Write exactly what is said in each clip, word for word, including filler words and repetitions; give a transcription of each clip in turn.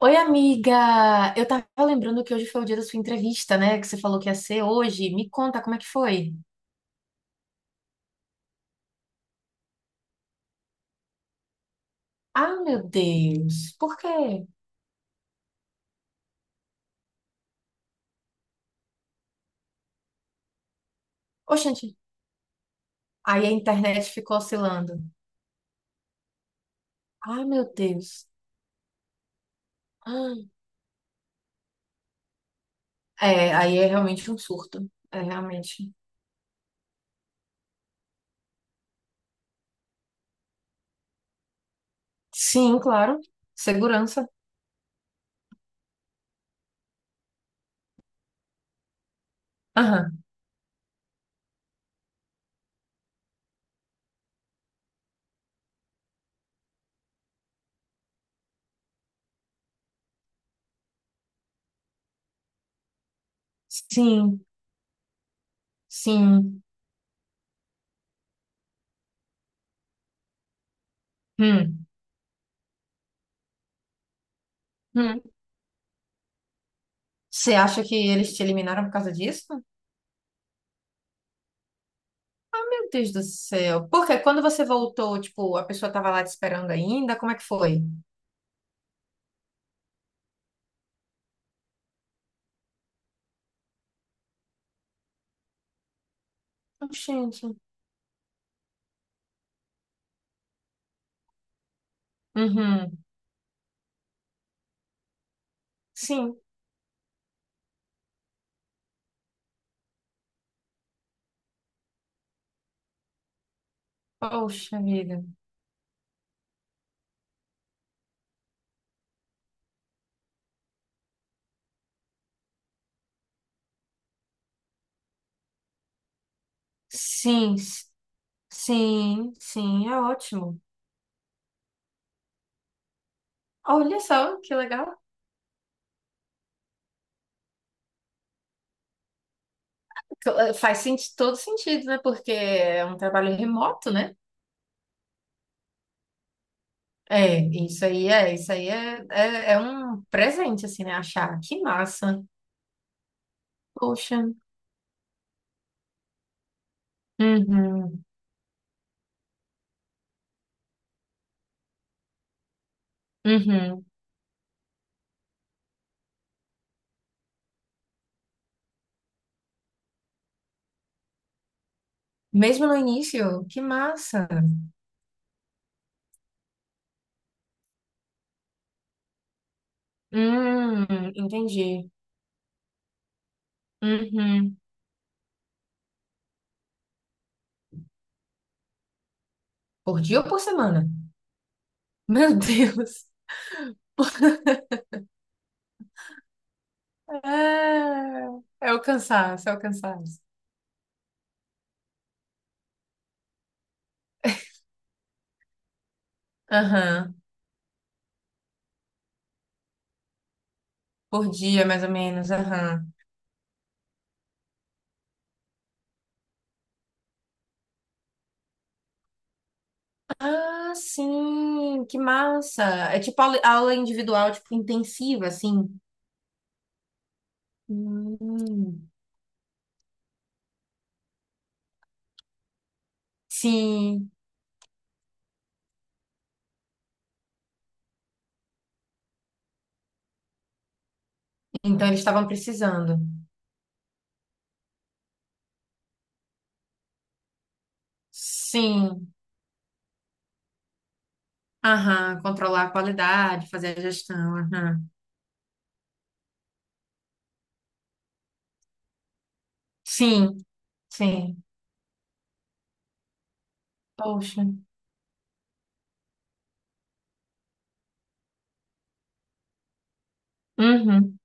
Oi, amiga! Eu tava lembrando que hoje foi o dia da sua entrevista, né? Que você falou que ia ser hoje. Me conta como é que foi. Ah, meu Deus! Por quê? Oxente! Aí a internet ficou oscilando. Ah, meu Deus! Ah, é, aí é realmente um surto. É realmente. Sim, claro. Segurança. Aham. Sim, sim. Hum. Hum. Você acha que eles te eliminaram por causa disso? Meu Deus do céu. Porque quando você voltou, tipo, a pessoa tava lá te esperando ainda, como é que foi? Gente. Uhum. Sim. Poxa vida. Sim, s- sim, sim, é ótimo. Olha só, que legal. Que- eh, Faz senti- todo sentido, né? Porque é um trabalho remoto, né? É, isso aí é, isso aí é, é, é um presente, assim, né? Achar, que massa. Poxa. Uhum, uhum. Mesmo no início, que massa. Hum, entendi. Uhum. Por dia ou por semana? Meu Deus. É, é o cansaço, é o cansaço. Aham. Por dia, mais ou menos, aham. Ah, sim, que massa. É tipo aula aula individual, tipo, intensiva, assim. Hum, Sim, então eles estavam precisando. Sim, aham, controlar a qualidade, fazer a gestão, aham. Sim, sim. Poxa. Uhum.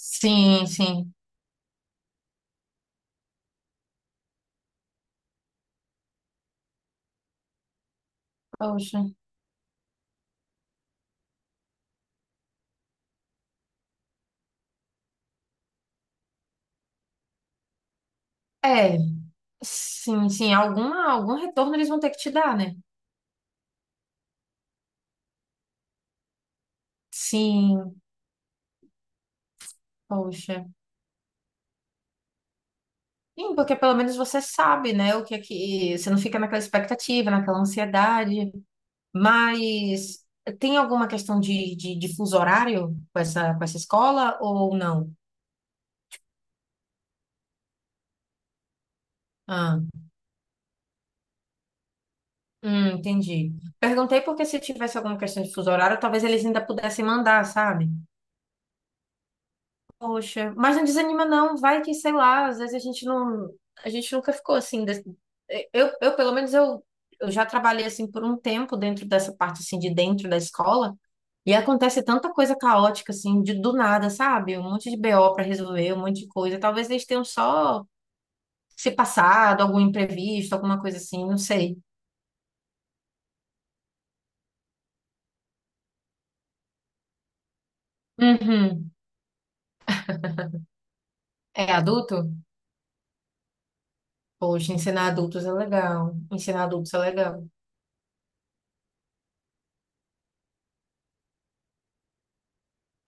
Sim, sim. Poxa. É, sim, sim, alguma, algum retorno eles vão ter que te dar, né? Sim, poxa. Sim, porque pelo menos você sabe, né, o que é que você não fica naquela expectativa, naquela ansiedade. Mas tem alguma questão de, de, de fuso horário com essa, com essa escola ou não? Ah, hum, entendi. Perguntei porque se tivesse alguma questão de fuso horário, talvez eles ainda pudessem mandar, sabe? Poxa, mas não desanima não, vai que, sei lá, às vezes a gente não, a gente nunca ficou assim, des- eu, eu pelo menos eu, eu já trabalhei assim por um tempo dentro dessa parte assim de dentro da escola, e acontece tanta coisa caótica assim, de do nada, sabe? Um monte de B O para resolver, um monte de coisa, talvez eles tenham só se passado, algum imprevisto, alguma coisa assim, não sei. Uhum. É adulto? Poxa, ensinar adultos é legal, ensinar adultos é legal.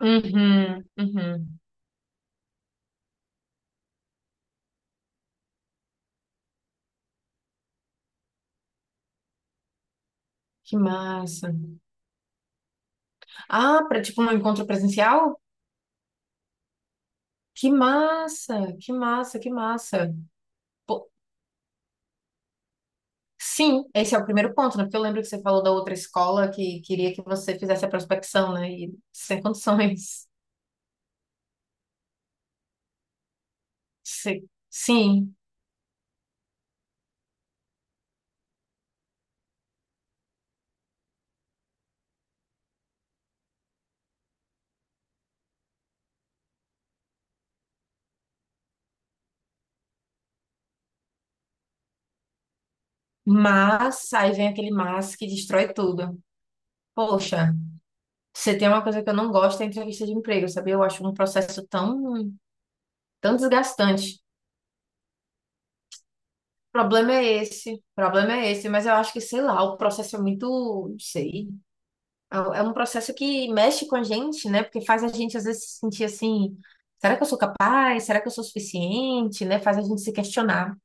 Uhum, uhum. Que massa. Ah, para tipo um encontro presencial? Que massa, que massa, que massa. Pô, sim, esse é o primeiro ponto, né? Porque eu lembro que você falou da outra escola que queria que você fizesse a prospecção, né? E sem condições. Se- Sim, mas aí vem aquele mas que destrói tudo. Poxa, você tem uma coisa que eu não gosto é entrevista de emprego, sabe? Eu acho um processo tão, tão desgastante. O problema é esse, o problema é esse, mas eu acho que, sei lá, o processo é muito, não sei. É é um processo que mexe com a gente, né? Porque faz a gente às vezes se sentir assim, será que eu sou capaz? Será que eu sou suficiente? Né? Faz a gente se questionar.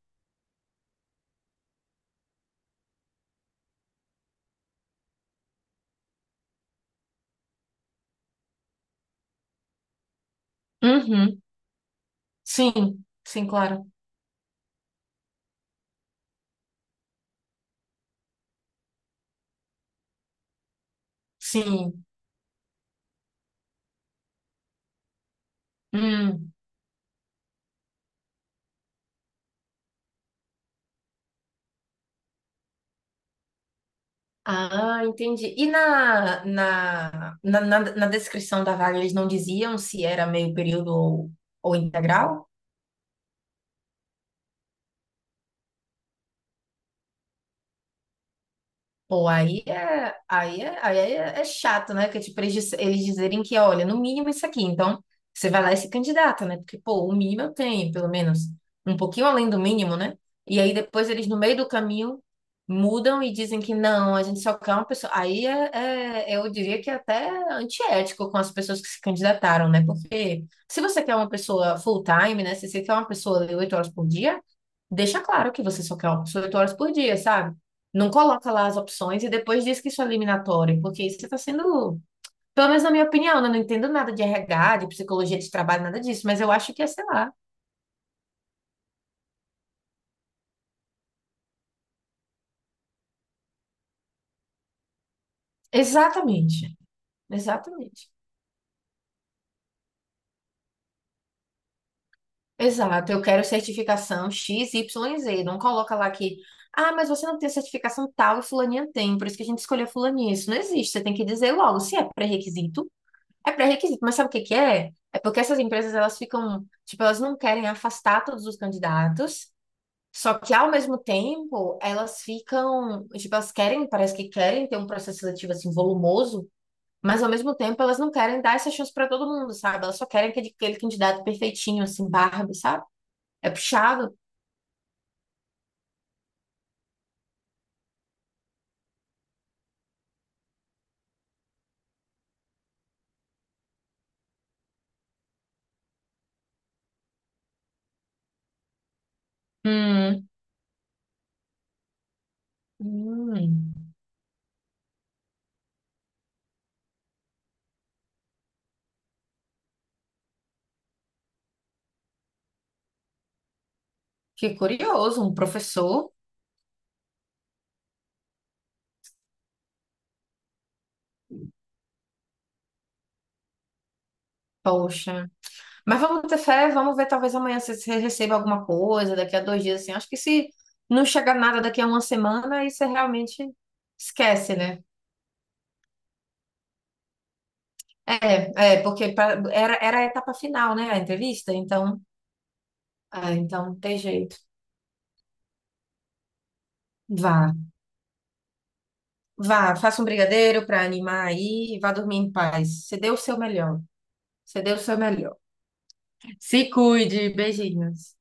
Uhum. Sim, sim, claro. Sim. Hum. Ah, entendi. E na, na, na, na, na descrição da vaga, eles não diziam se era meio período ou, ou integral? Pô, aí é, aí é, aí é, é chato, né? Que tipo, eles, dis- eles dizerem que, olha, no mínimo isso aqui. Então, você vai lá e se candidata, né? Porque, pô, o mínimo eu tenho, pelo menos. Um pouquinho além do mínimo, né? E aí depois eles, no meio do caminho, mudam e dizem que não, a gente só quer uma pessoa. Aí é, é- eu diria que é até antiético com as pessoas que se candidataram, né? Porque se você quer uma pessoa full-time, né? Se você quer uma pessoa de oito horas por dia, deixa claro que você só quer uma pessoa oito horas por dia, sabe? Não coloca lá as opções e depois diz que isso é eliminatório, porque isso está sendo, pelo menos na minha opinião, né? Eu não entendo nada de R H, de psicologia de trabalho, nada disso, mas eu acho que é, sei lá. Exatamente. Exatamente. Exato. Eu quero certificação X, Y, Z. Não coloca lá que, ah, mas você não tem certificação tal e fulaninha tem, por isso que a gente escolheu fulaninha. Isso não existe. Você tem que dizer logo se é pré-requisito. É pré-requisito, mas sabe o que que é? É porque essas empresas, elas ficam, tipo, elas não querem afastar todos os candidatos. Só que ao mesmo tempo, elas ficam, tipo, elas querem, parece que querem ter um processo seletivo assim volumoso, mas ao mesmo tempo elas não querem dar essa chance para todo mundo, sabe? Elas só querem aquele, aquele candidato perfeitinho, assim, Barbie, sabe? É puxado. Hum, hum. Que curioso, um professor. Poxa. Mas vamos ter fé, vamos ver, talvez amanhã você você receba alguma coisa, daqui a dois dias, assim. Acho que se não chegar nada daqui a uma semana, aí você realmente esquece, né? É, é, porque pra- era, era a etapa final, né, a entrevista, então, é, então tem jeito. Vá, vá, faça um brigadeiro para animar aí e vá dormir em paz. Você deu o seu melhor. Você deu o seu melhor. Se cuide, beijinhos.